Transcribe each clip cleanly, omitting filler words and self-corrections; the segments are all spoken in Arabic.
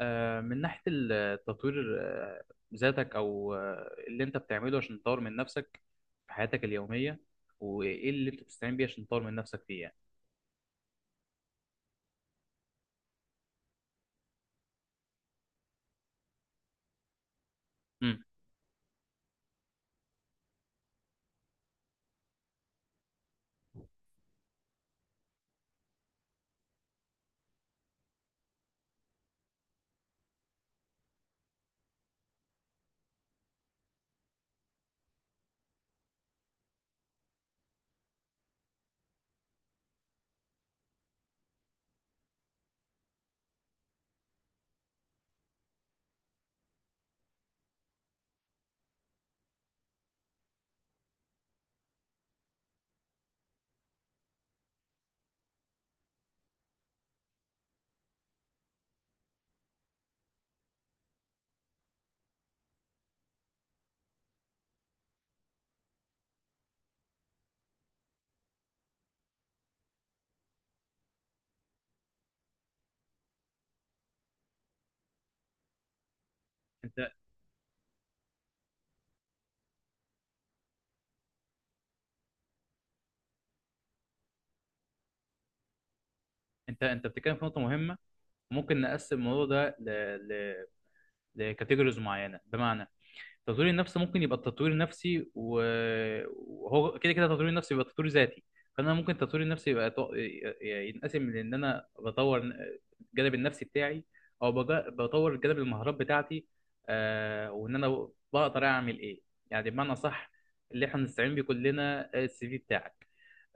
من ناحية التطوير ذاتك أو اللي أنت بتعمله عشان تطور من نفسك في حياتك اليومية، وإيه اللي أنت بتستعين بيه عشان تطور من نفسك فيه يعني. مم. أنت أنت بتتكلم في نقطة مهمة. ممكن نقسم الموضوع ده ل... لكاتيجوريز معينة، بمعنى تطوير النفس ممكن يبقى التطوير النفسي وهو كده كده تطوير النفسي يبقى تطوير ذاتي. فانا ممكن التطوير النفسي يبقى ينقسم، لان انا بطور الجانب النفسي بتاعي، او بطور جانب المهارات بتاعتي. وان انا بقدر اعمل ايه، يعني بمعنى صح اللي احنا بنستعين بيه كلنا، السي في بتاعك.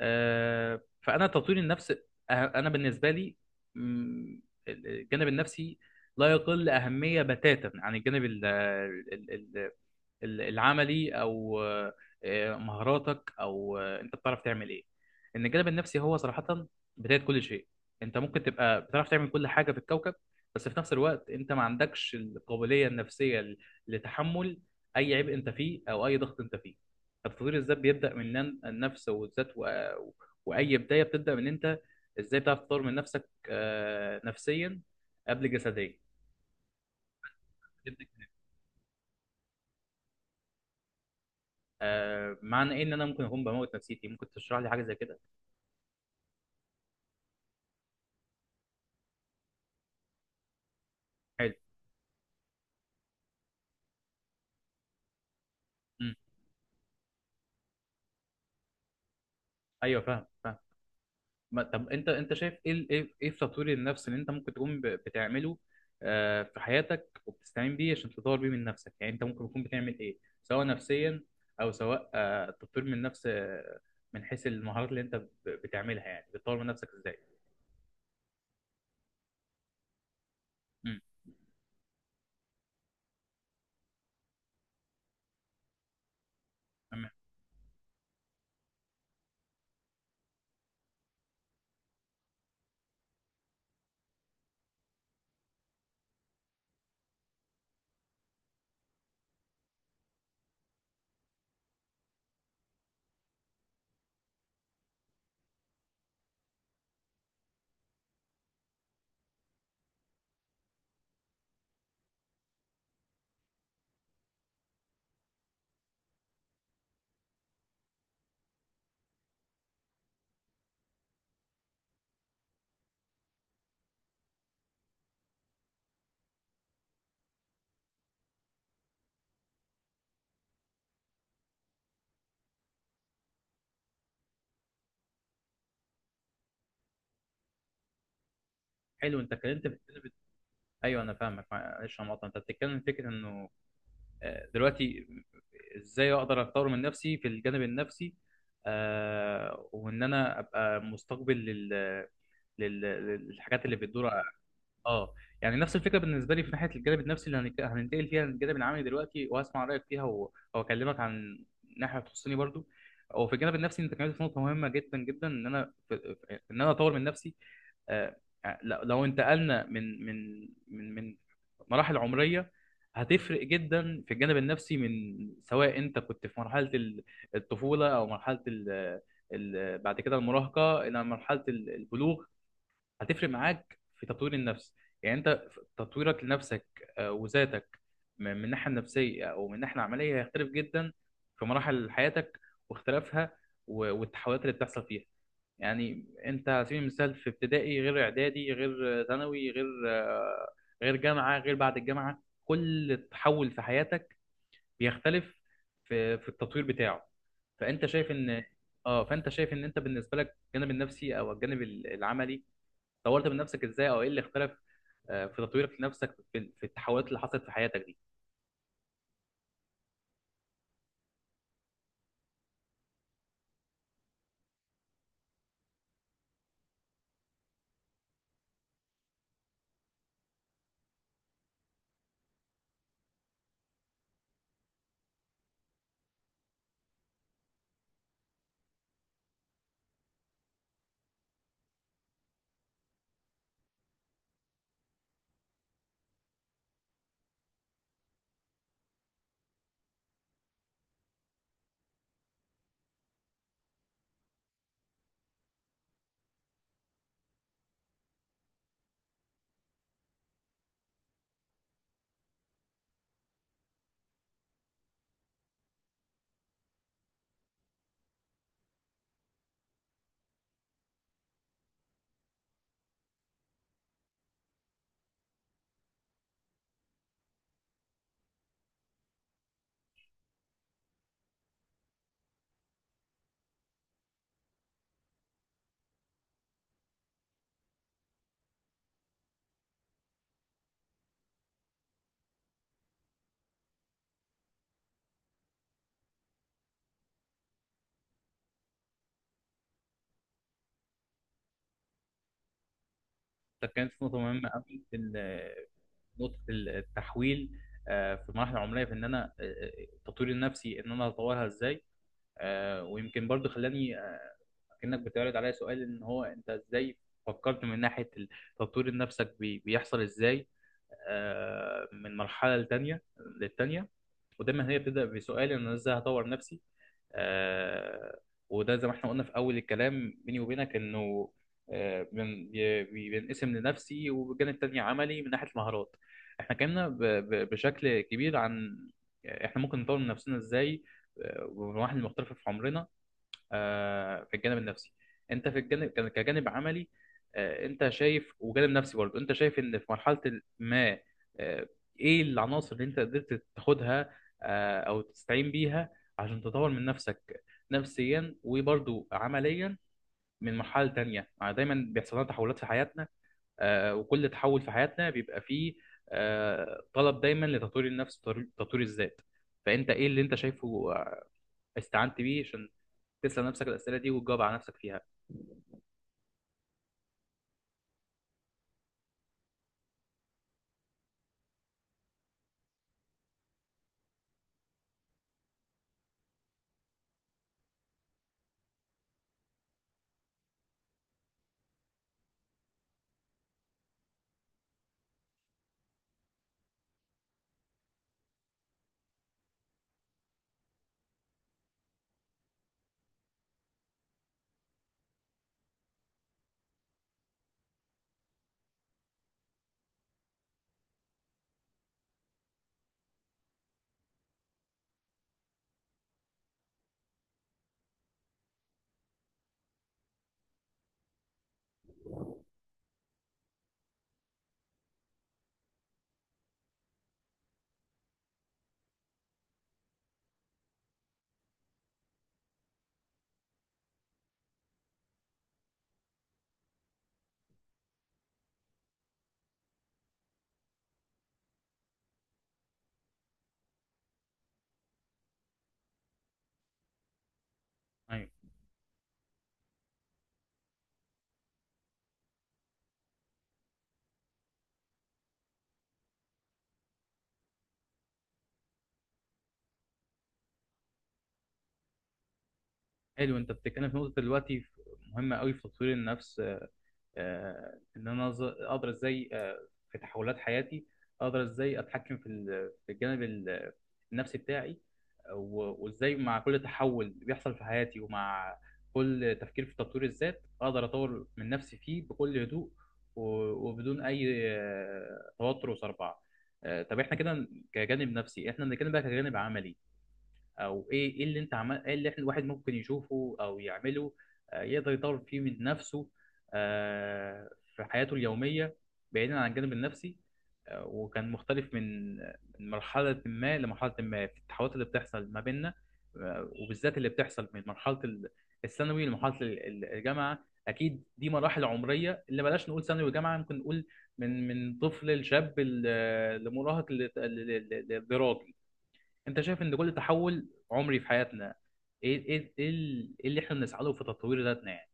فانا تطوير النفس انا بالنسبه لي، مم، الجانب النفسي لا يقل اهميه بتاتا عن الجانب العملي، او مهاراتك، او انت بتعرف تعمل ايه. ان الجانب النفسي هو صراحة بداية كل شيء. انت ممكن تبقى بتعرف تعمل كل حاجة في الكوكب، بس في نفس الوقت انت ما عندكش القابلية النفسية لتحمل اي عبء انت فيه او اي ضغط انت فيه. فتطوير الذات بيبدأ من النفس والذات، واي بداية بتبدأ من انت، ازاي بتعرف تطور من نفسك نفسيا قبل جسديا. معنى ايه ان انا ممكن اكون بموت نفسيتي؟ ممكن تشرح لي حاجة زي كده. حلو. امم. ايوه، فاهم فاهم. طب انت شايف ايه ايه في تطوير النفس اللي انت ممكن تكون بتعمله في حياتك، وبتستعين بيه عشان تطور بيه من نفسك؟ يعني انت ممكن تكون بتعمل ايه، سواء نفسيا او سواء تطوير من النفس من حيث المهارات اللي انت بتعملها؟ يعني بتطور من نفسك ازاي؟ امم. تمام. حلو. ايوه، انا فاهمك، معلش انا مقاطع. انت بتتكلم في فكره انه دلوقتي ازاي اقدر اطور من نفسي في الجانب النفسي، وان انا ابقى مستقبل لل... للحاجات اللي بتدور. اه، يعني نفس الفكره بالنسبه لي في ناحيه الجانب النفسي، اللي هننتقل فيها للجانب العملي دلوقتي، وهسمع رايك فيها واكلمك عن ناحيه تخصني برضو. وفي الجانب النفسي انت اتكلمت في نقطه مهمه جدا جدا، ان انا ان انا اطور من نفسي. آه، لو لو انتقلنا من مراحل عمريه، هتفرق جدا في الجانب النفسي من، سواء انت كنت في مرحله الطفوله او مرحله ال ال بعد كده المراهقه الى مرحله البلوغ، هتفرق معاك في تطوير النفس. يعني انت في تطويرك لنفسك وذاتك، من الناحيه النفسيه او من الناحيه العمليه، هيختلف جدا في مراحل حياتك واختلافها والتحولات اللي بتحصل فيها. يعني انت على سبيل المثال في ابتدائي غير اعدادي غير ثانوي غير جامعه غير بعد الجامعه، كل تحول في حياتك بيختلف في التطوير بتاعه. فانت شايف ان، اه فانت شايف ان انت بالنسبه لك الجانب النفسي او الجانب العملي طورت من نفسك ازاي، او ايه اللي اختلف في تطويرك لنفسك في التحولات اللي حصلت في حياتك دي. ده كانت نقطه مهمه قوي في نقطه التحويل في المراحل العمريه، في ان انا تطويري النفسي ان انا اطورها ازاي. ويمكن برضو خلاني كأنك بتعرض عليا سؤال، ان هو انت ازاي فكرت من ناحية تطوير نفسك بيحصل ازاي من مرحلة لتانية للتانية. ودايما هي بتبدأ بسؤال ان انا ازاي هطور نفسي. آه، وده زي ما احنا قلنا في اول الكلام بيني وبينك، انه بينقسم لنفسي وبالجانب التاني عملي من ناحية المهارات. احنا اتكلمنا بشكل كبير عن احنا ممكن نطور من نفسنا ازاي ومراحل مختلفة في عمرنا في الجانب النفسي. انت في الجانب كجانب عملي انت شايف، وجانب نفسي برضه انت شايف ان في مرحلة ما آه، ايه العناصر اللي انت قدرت تاخدها او تستعين بيها عشان تطور من نفسك نفسيا وبرضه عمليا من مرحلة تانية؟ يعني دايما بيحصل لنا تحولات في حياتنا وكل تحول في حياتنا بيبقى فيه طلب دايما لتطوير النفس، وتطوير الذات. فانت ايه اللي انت شايفه استعنت بيه عشان تسأل نفسك الأسئلة دي وتجاوب على نفسك فيها؟ ايوه. حلو، انت بتتكلم في نقطة دلوقتي مهمة قوي في تطوير النفس. ان انا اقدر ازاي في تحولات حياتي، اقدر ازاي اتحكم في الجانب النفسي بتاعي، وازاي مع كل تحول بيحصل في حياتي، ومع كل تفكير في تطوير الذات، اقدر اطور من نفسي فيه بكل هدوء وبدون اي توتر وصربعة. طب احنا كده كجانب نفسي، احنا بنتكلم بقى كجانب عملي، او ايه اللي احنا الواحد ممكن يشوفه او يعمله يقدر يطور فيه من نفسه آه، في حياته اليومية بعيدا عن الجانب النفسي، وكان مختلف من مرحلة ما لمرحلة ما في التحولات اللي بتحصل ما بيننا، وبالذات اللي بتحصل من مرحلة الثانوي لمرحلة الجامعة. أكيد دي مراحل عمرية، اللي بلاش نقول ثانوي وجامعة، ممكن نقول من طفل لشاب لمراهق للدراج. انت شايف ان كل تحول عمري في حياتنا إيه اللي احنا بنسعى له في تطوير ذاتنا يعني؟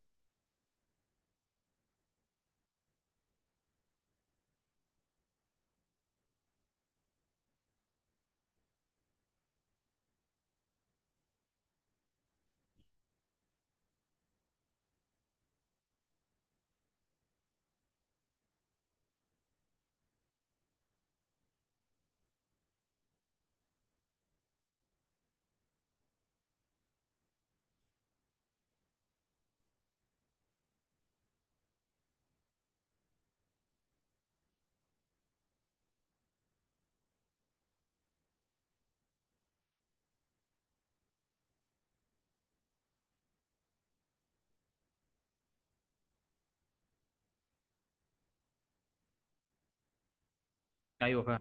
ايوه، فاهم.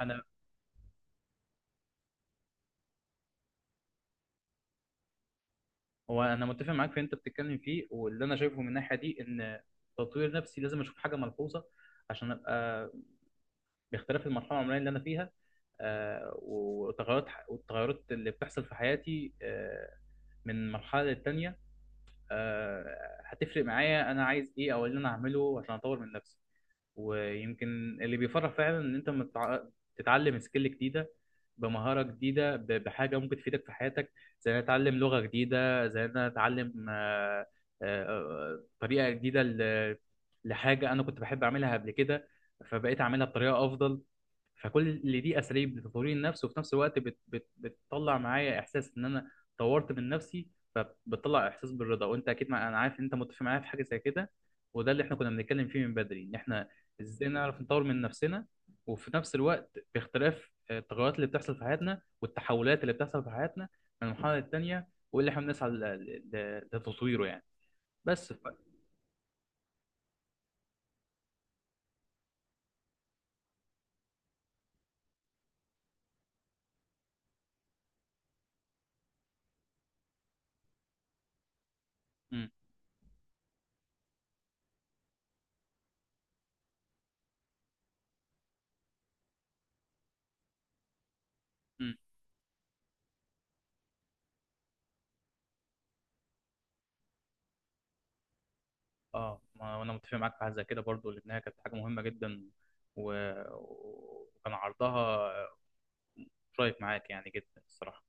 انا هو انا متفق معاك في اللي انت بتتكلم فيه، واللي انا شايفه من الناحيه دي، ان تطوير نفسي لازم اشوف حاجه ملحوظه عشان ابقى باختلاف المرحله العمريه اللي انا فيها. وتغيرات، والتغيرات اللي بتحصل في حياتي من مرحله للتانيه، هتفرق معايا انا عايز ايه، او إيه اللي انا اعمله عشان اطور من نفسي. ويمكن اللي بيفرح فعلا ان انت تتعلم سكيل جديده، بمهاره جديده، بحاجه ممكن تفيدك في حياتك. زي ان أنا اتعلم لغه جديده، زي ان أنا اتعلم طريقه جديده لحاجه انا كنت بحب اعملها قبل كده، فبقيت اعملها بطريقه افضل. فكل اللي دي اساليب لتطوير النفس، وفي نفس الوقت بت بت بتطلع معايا احساس ان انا طورت من نفسي، فبتطلع احساس بالرضا. وانت اكيد مع... انا عارف ان انت متفق معايا في حاجه زي كده. وده اللي احنا كنا بنتكلم فيه من بدري، ان احنا ازاي نعرف نطور من نفسنا، وفي نفس الوقت باختلاف التغيرات اللي بتحصل في حياتنا، والتحولات اللي بتحصل في حياتنا من المرحله للتانيه، واللي احنا بنسعى لتطويره يعني. بس م- م. اه، ما انا متفق معاك في حاجه زي كده برضو، لانها كانت حاجه مهمه جدا و... وكان عرضها شايف معاك يعني جدا الصراحه.